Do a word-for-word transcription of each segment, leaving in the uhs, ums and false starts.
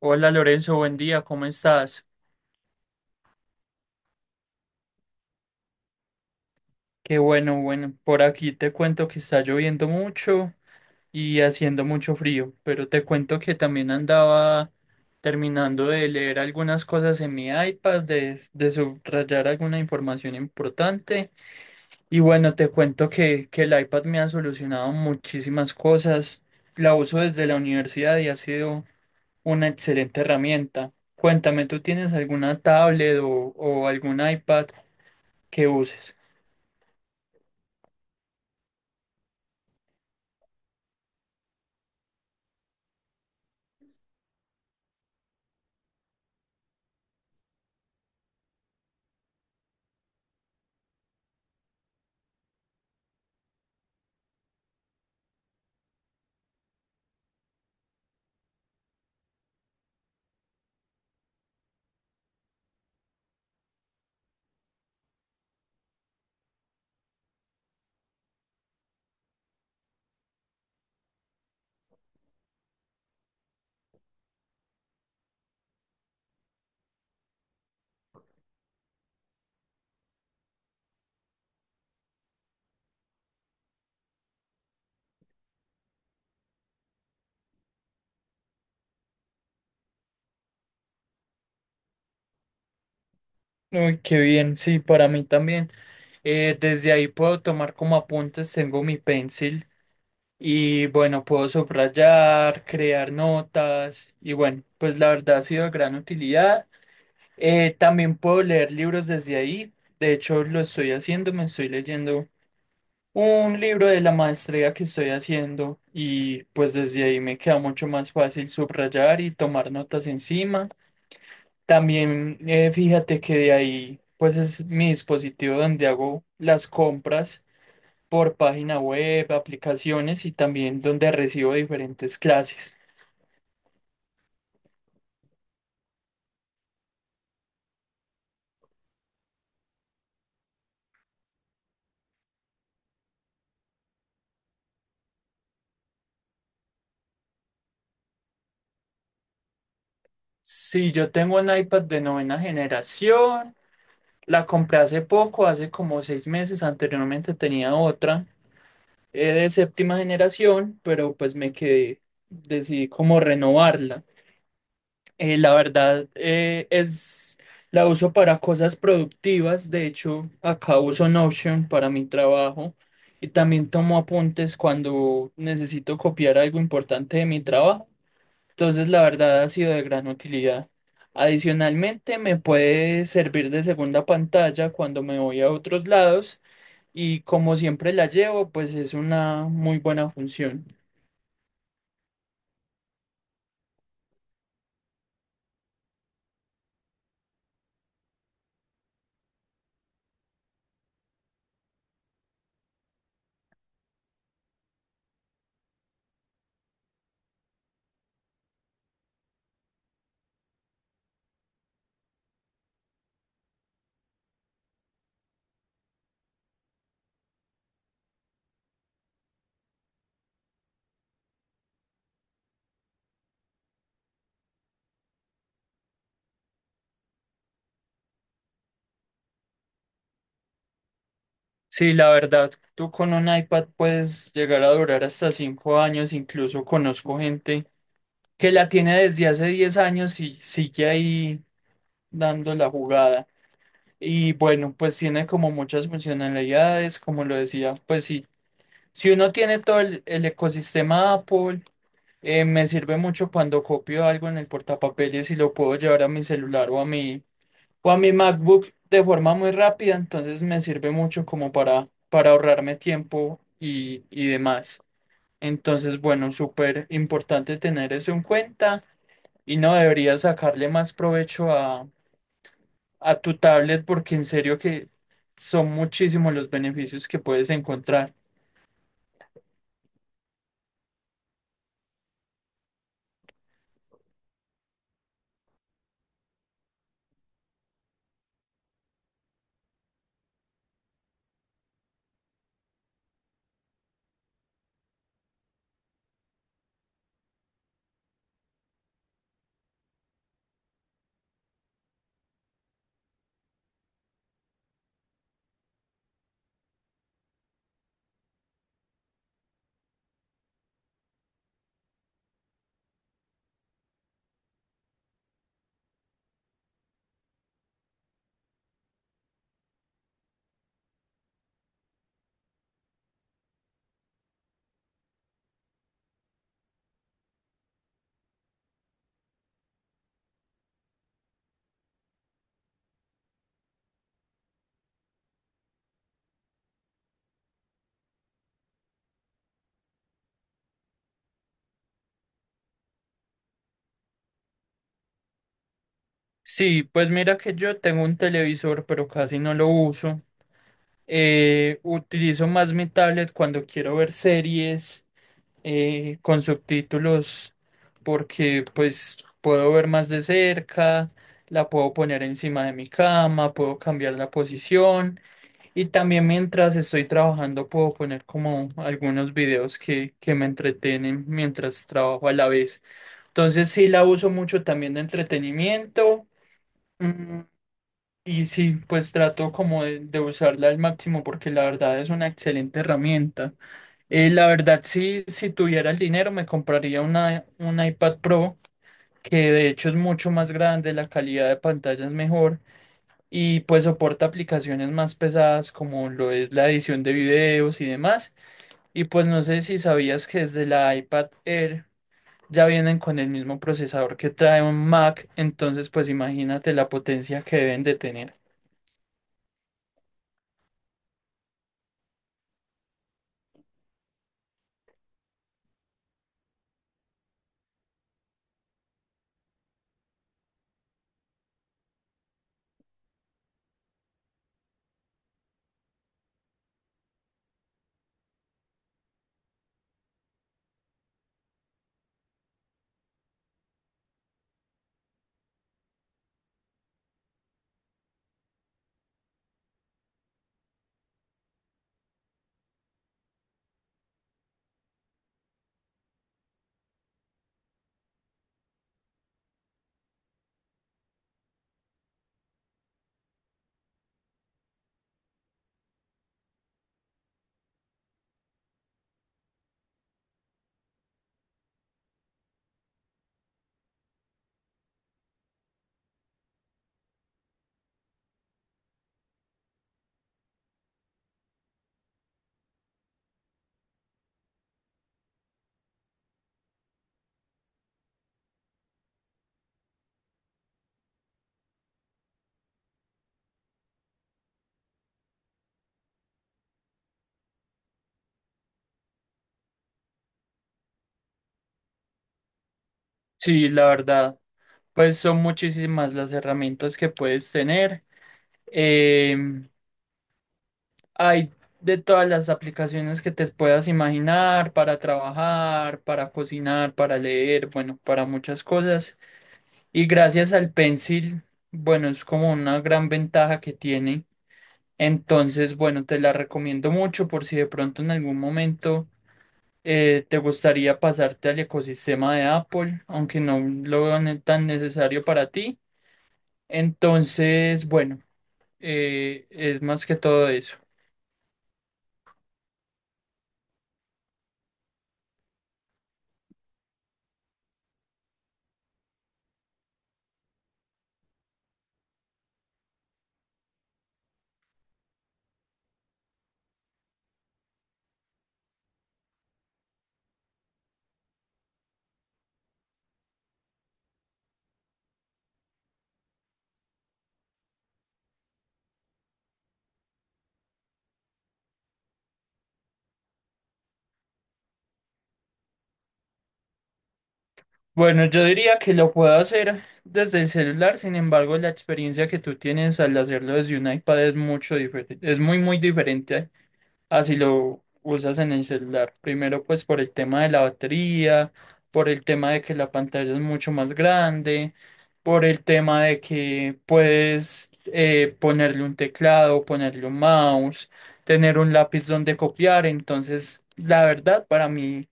Hola Lorenzo, buen día, ¿cómo estás? Qué bueno, bueno, por aquí te cuento que está lloviendo mucho y haciendo mucho frío, pero te cuento que también andaba terminando de leer algunas cosas en mi iPad, de, de subrayar alguna información importante y bueno, te cuento que, que el iPad me ha solucionado muchísimas cosas, la uso desde la universidad y ha sido una excelente herramienta. Cuéntame, ¿tú tienes alguna tablet o, o algún iPad que uses? Uy, qué bien, sí, para mí también. Eh, desde ahí puedo tomar como apuntes, tengo mi pencil y bueno, puedo subrayar, crear notas y bueno, pues la verdad ha sido de gran utilidad. Eh, también puedo leer libros desde ahí, de hecho lo estoy haciendo, me estoy leyendo un libro de la maestría que estoy haciendo y pues desde ahí me queda mucho más fácil subrayar y tomar notas encima. También eh, fíjate que de ahí, pues es mi dispositivo donde hago las compras por página web, aplicaciones y también donde recibo diferentes clases. Sí, yo tengo un iPad de novena generación, la compré hace poco, hace como seis meses, anteriormente tenía otra eh, de séptima generación, pero pues me quedé, decidí como renovarla. Eh, la verdad, eh, es la uso para cosas productivas. De hecho, acá uso Notion para mi trabajo y también tomo apuntes cuando necesito copiar algo importante de mi trabajo. Entonces, la verdad ha sido de gran utilidad. Adicionalmente, me puede servir de segunda pantalla cuando me voy a otros lados y como siempre la llevo, pues es una muy buena función. Sí, la verdad, tú con un iPad puedes llegar a durar hasta cinco años, incluso conozco gente que la tiene desde hace diez años y sigue ahí dando la jugada. Y bueno, pues tiene como muchas funcionalidades, como lo decía, pues sí, si uno tiene todo el, el ecosistema Apple, eh, me sirve mucho cuando copio algo en el portapapeles y lo puedo llevar a mi celular o a mi o a mi MacBook de forma muy rápida, entonces me sirve mucho como para, para ahorrarme tiempo y, y demás. Entonces, bueno, súper importante tener eso en cuenta y no debería sacarle más provecho a, a tu tablet porque en serio que son muchísimos los beneficios que puedes encontrar. Sí, pues mira que yo tengo un televisor, pero casi no lo uso. Eh, utilizo más mi tablet cuando quiero ver series eh, con subtítulos porque pues puedo ver más de cerca, la puedo poner encima de mi cama, puedo cambiar la posición y también mientras estoy trabajando puedo poner como algunos videos que, que me entretienen mientras trabajo a la vez. Entonces sí la uso mucho también de entretenimiento. Mm, y sí, pues trato como de, de usarla al máximo porque la verdad es una excelente herramienta. Eh, la verdad, sí, si tuviera el dinero, me compraría una, un iPad Pro, que de hecho es mucho más grande, la calidad de pantalla es mejor y pues soporta aplicaciones más pesadas como lo es la edición de videos y demás. Y pues no sé si sabías que desde la iPad Air ya vienen con el mismo procesador que trae un Mac, entonces pues imagínate la potencia que deben de tener. Sí, la verdad, pues son muchísimas las herramientas que puedes tener. Em, Hay de todas las aplicaciones que te puedas imaginar para trabajar, para cocinar, para leer, bueno, para muchas cosas. Y gracias al Pencil, bueno, es como una gran ventaja que tiene. Entonces, bueno, te la recomiendo mucho por si de pronto en algún momento eh, te gustaría pasarte al ecosistema de Apple, aunque no lo veo ne- tan necesario para ti. Entonces, bueno, eh, es más que todo eso. Bueno, yo diría que lo puedo hacer desde el celular, sin embargo, la experiencia que tú tienes al hacerlo desde un iPad es mucho diferente, es muy, muy diferente así lo usas en el celular. Primero, pues por el tema de la batería, por el tema de que la pantalla es mucho más grande, por el tema de que puedes eh, ponerle un teclado, ponerle un mouse, tener un lápiz donde copiar. Entonces, la verdad, para mí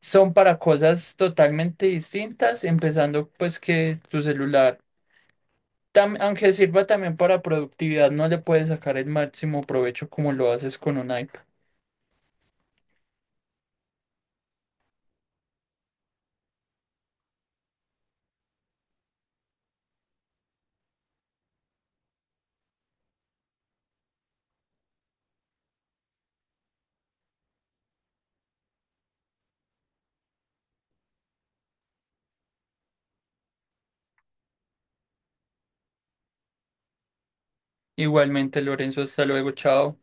son para cosas totalmente distintas, empezando pues que tu celular tam- aunque sirva también para productividad, no le puedes sacar el máximo provecho como lo haces con un iPad. Igualmente, Lorenzo, hasta luego, chao.